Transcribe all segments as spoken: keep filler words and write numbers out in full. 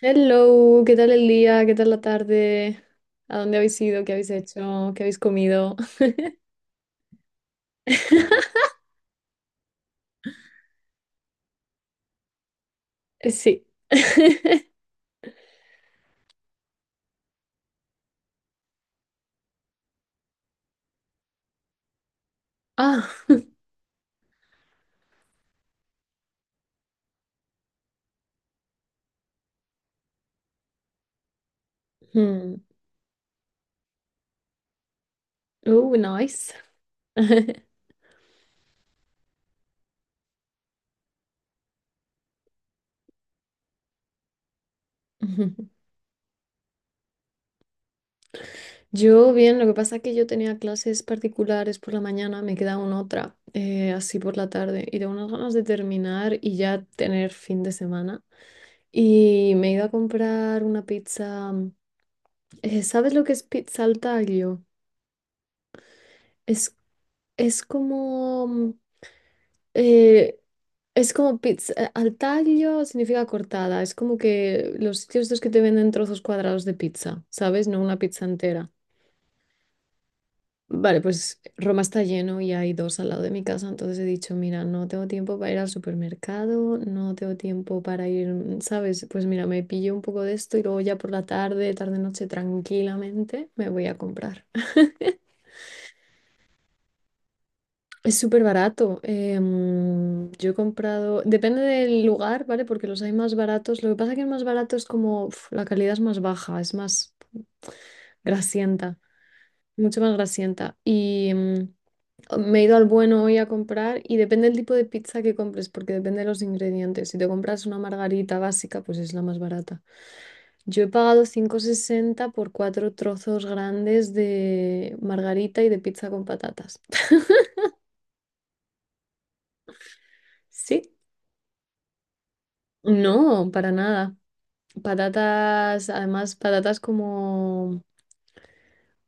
Hello, ¿qué tal el día? ¿Qué tal la tarde? ¿A dónde habéis ido? ¿Qué habéis hecho? ¿Qué habéis comido? Eh, Sí. Ah, hmm. Oh, nice. Yo bien, lo que pasa es que yo tenía clases particulares por la mañana, me queda una otra, eh, así por la tarde, y tengo unas ganas de terminar y ya tener fin de semana. Y me he ido a comprar una pizza. Eh, ¿sabes lo que es pizza al taglio? Es, es como Eh, es como pizza eh, al taglio significa cortada. Es como que los sitios estos que te venden trozos cuadrados de pizza, ¿sabes? No una pizza entera. Vale, pues Roma está lleno y hay dos al lado de mi casa, entonces he dicho, mira, no tengo tiempo para ir al supermercado, no tengo tiempo para ir, mm, ¿sabes? Pues mira, me pillo un poco de esto y luego ya por la tarde, tarde-noche, tranquilamente me voy a comprar. Es súper barato. Em, yo he comprado, depende del lugar, ¿vale? Porque los hay más baratos. Lo que pasa es que el más barato es como, uf, la calidad es más baja, es más grasienta, mucho más grasienta. Y em, me he ido al bueno hoy a comprar y depende del tipo de pizza que compres, porque depende de los ingredientes. Si te compras una margarita básica, pues es la más barata. Yo he pagado cinco sesenta por cuatro trozos grandes de margarita y de pizza con patatas. ¿Sí? No, para nada. Patatas, además, patatas como,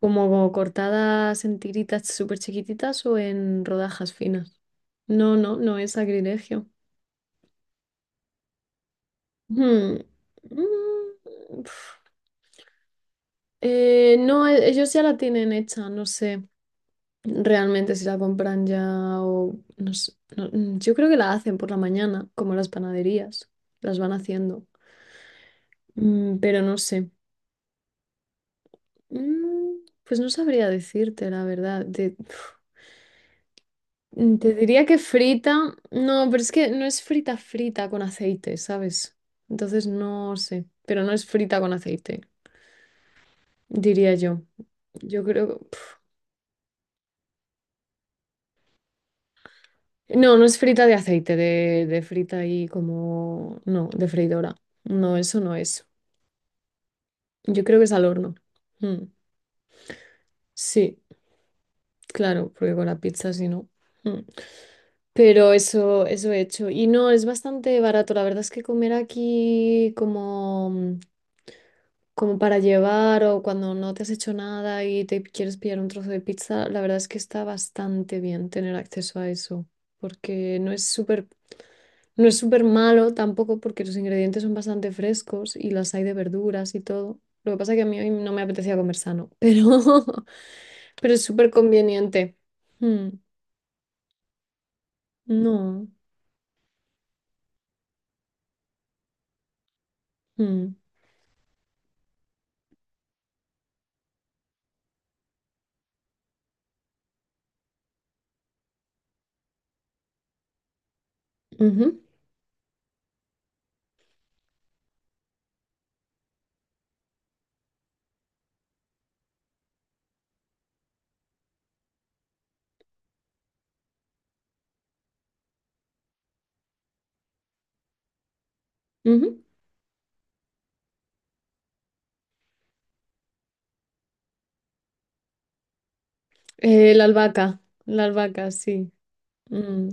como cortadas en tiritas súper chiquititas o en rodajas finas. No, no, no es sacrilegio. Hmm, mm, pf. Eh, no, e- ellos ya la tienen hecha, no sé realmente si la compran ya o no sé. No, mm, yo creo que la hacen por la mañana, como las panaderías, las van haciendo. Mm, pero no sé. Mm, pues no sabría decirte la verdad. De Mm, Te diría que frita. No, pero es que no es frita frita con aceite, ¿sabes? Entonces no sé. Pero no es frita con aceite, diría yo. Yo creo. pf, No, no es frita de aceite, de, de frita y como. No, de freidora. No, eso no es. Yo creo que es al horno. Mm. Sí, claro, porque con la pizza si no. Mm. Pero eso, eso he hecho. Y no, es bastante barato. La verdad es que comer aquí como. Como para llevar o cuando no te has hecho nada y te quieres pillar un trozo de pizza, la verdad es que está bastante bien tener acceso a eso, porque no es súper, no es súper malo tampoco porque los ingredientes son bastante frescos y las hay de verduras y todo. Lo que pasa es que a mí hoy no me apetecía comer sano, pero, pero es súper conveniente. Mm, no. Mm, ujú, ujú. Eh, la albahaca, la albahaca, sí. Mm,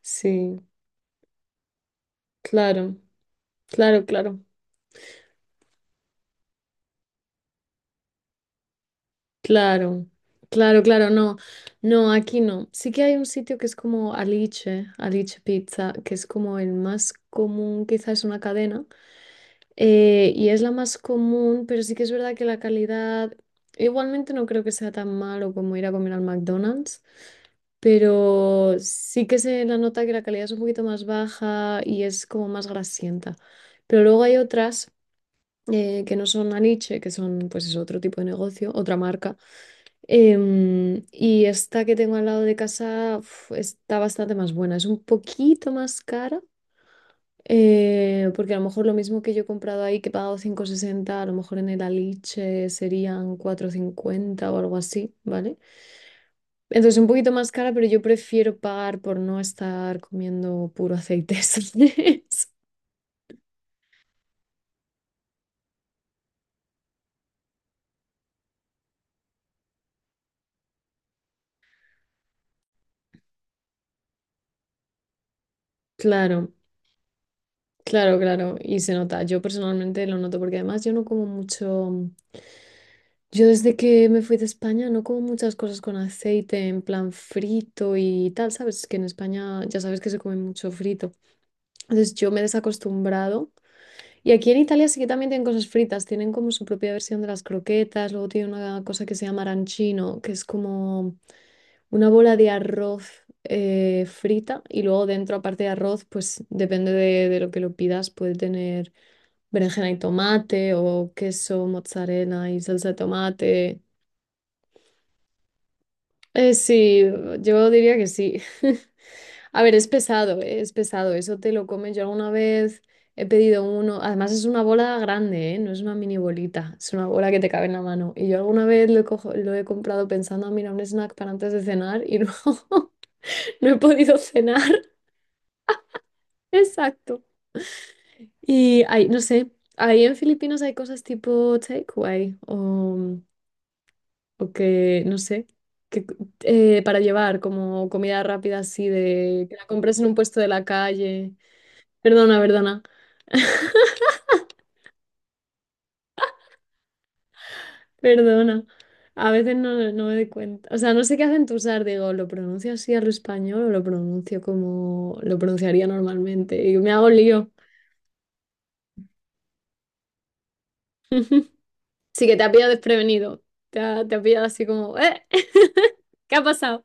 sí, claro, claro, claro. Claro, claro, claro, no, no, aquí no. Sí que hay un sitio que es como Alice, Alice Pizza, que es como el más común, quizás es una cadena, eh, y es la más común, pero sí que es verdad que la calidad, igualmente no creo que sea tan malo como ir a comer al McDonald's, pero sí que se la nota que la calidad es un poquito más baja y es como más grasienta. Pero luego hay otras eh, que no son Alice, que son pues es otro tipo de negocio, otra marca. Em, y esta que tengo al lado de casa uf, está bastante más buena. Es un poquito más cara, eh, porque a lo mejor lo mismo que yo he comprado ahí, que he pagado cinco coma sesenta a lo mejor en el Aliche serían cuatro coma cincuenta o algo así, ¿vale? Entonces un poquito más cara, pero yo prefiero pagar por no estar comiendo puro aceite. ¿Sabes? Claro. Claro, claro, y se nota. Yo personalmente lo noto porque además yo no como mucho. Yo desde que me fui de España no como muchas cosas con aceite, en plan frito y tal, ¿sabes? Que en España ya sabes que se come mucho frito. Entonces yo me he desacostumbrado. Y aquí en Italia sí que también tienen cosas fritas, tienen como su propia versión de las croquetas, luego tiene una cosa que se llama arancino, que es como una bola de arroz eh, frita y luego dentro, aparte de arroz, pues depende de, de lo que lo pidas, puede tener berenjena y tomate o queso, mozzarella y salsa de tomate. Eh, sí, yo diría que sí. A ver, es pesado, eh, es pesado, eso te lo comes. Yo alguna vez he pedido uno, además es una bola grande, eh, no es una mini bolita, es una bola que te cabe en la mano. Y yo alguna vez lo he, cojo- lo he comprado pensando, "Ah, mira, un snack para antes de cenar" y no no he podido cenar. Exacto. Y hay, no sé, ahí en Filipinas hay cosas tipo takeaway o, o que, no sé, que, eh, para llevar como comida rápida así de que la compres en un puesto de la calle. Perdona, perdona, perdona. A veces no, no me doy cuenta. O sea, no sé qué acentuar, digo, ¿lo pronuncio así al español o lo pronuncio como lo pronunciaría normalmente? Y me hago lío. Sí que te ha pillado desprevenido. Te ha, te ha pillado así como, ¿eh? ¿Qué ha pasado?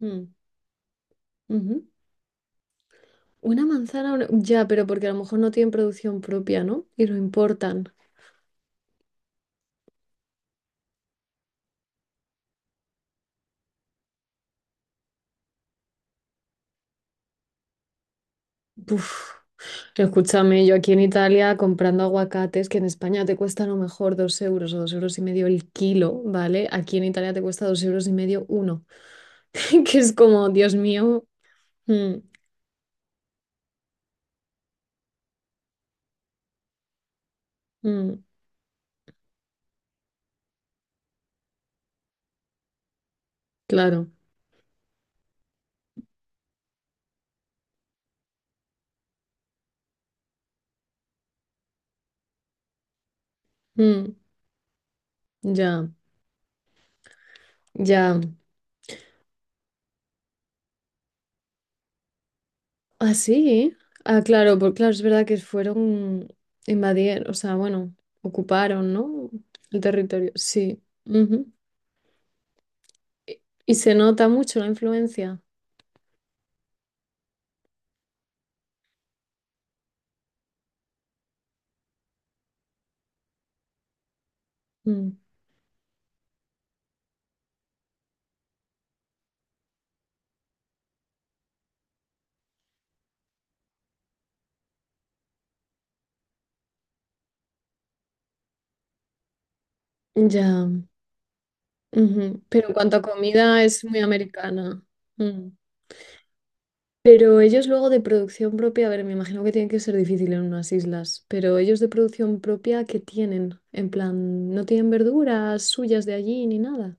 Mm. Ujú. Una manzana, una- ya, pero porque a lo mejor no tienen producción propia, ¿no? Y lo importan. Uf. Escúchame, yo aquí en Italia comprando aguacates, que en España te cuesta a lo mejor dos euros o dos euros y medio el kilo, ¿vale? Aquí en Italia te cuesta dos euros y medio uno, que es como, Dios mío, mm, mm, claro, mm, ya, ya. Ah, sí, ah, claro, porque claro, es verdad que fueron, invadieron, o sea, bueno, ocuparon, ¿no? El territorio, sí. Y y se nota mucho la influencia. Mm. Ya. Ujú. Pero en cuanto a comida es muy americana. Mm. Pero ellos luego de producción propia, a ver, me imagino que tiene que ser difícil en unas islas, pero ellos de producción propia, ¿qué tienen? En plan, no tienen verduras suyas de allí ni nada.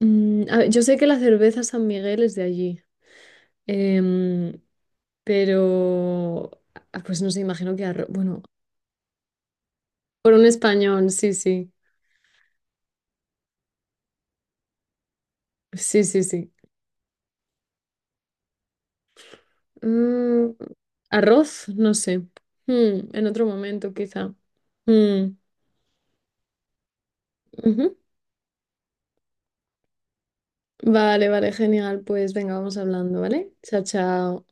Mm, a ver, yo sé que la cerveza San Miguel es de allí, em, pero ah, pues no sé, imagino que arroz, bueno, por un español, sí, sí, sí, sí, sí. Mm, arroz, no sé. Mm, en otro momento, quizá. Mm, ujú. Vale, vale, genial. Pues venga, vamos hablando, ¿vale? Chao, chao.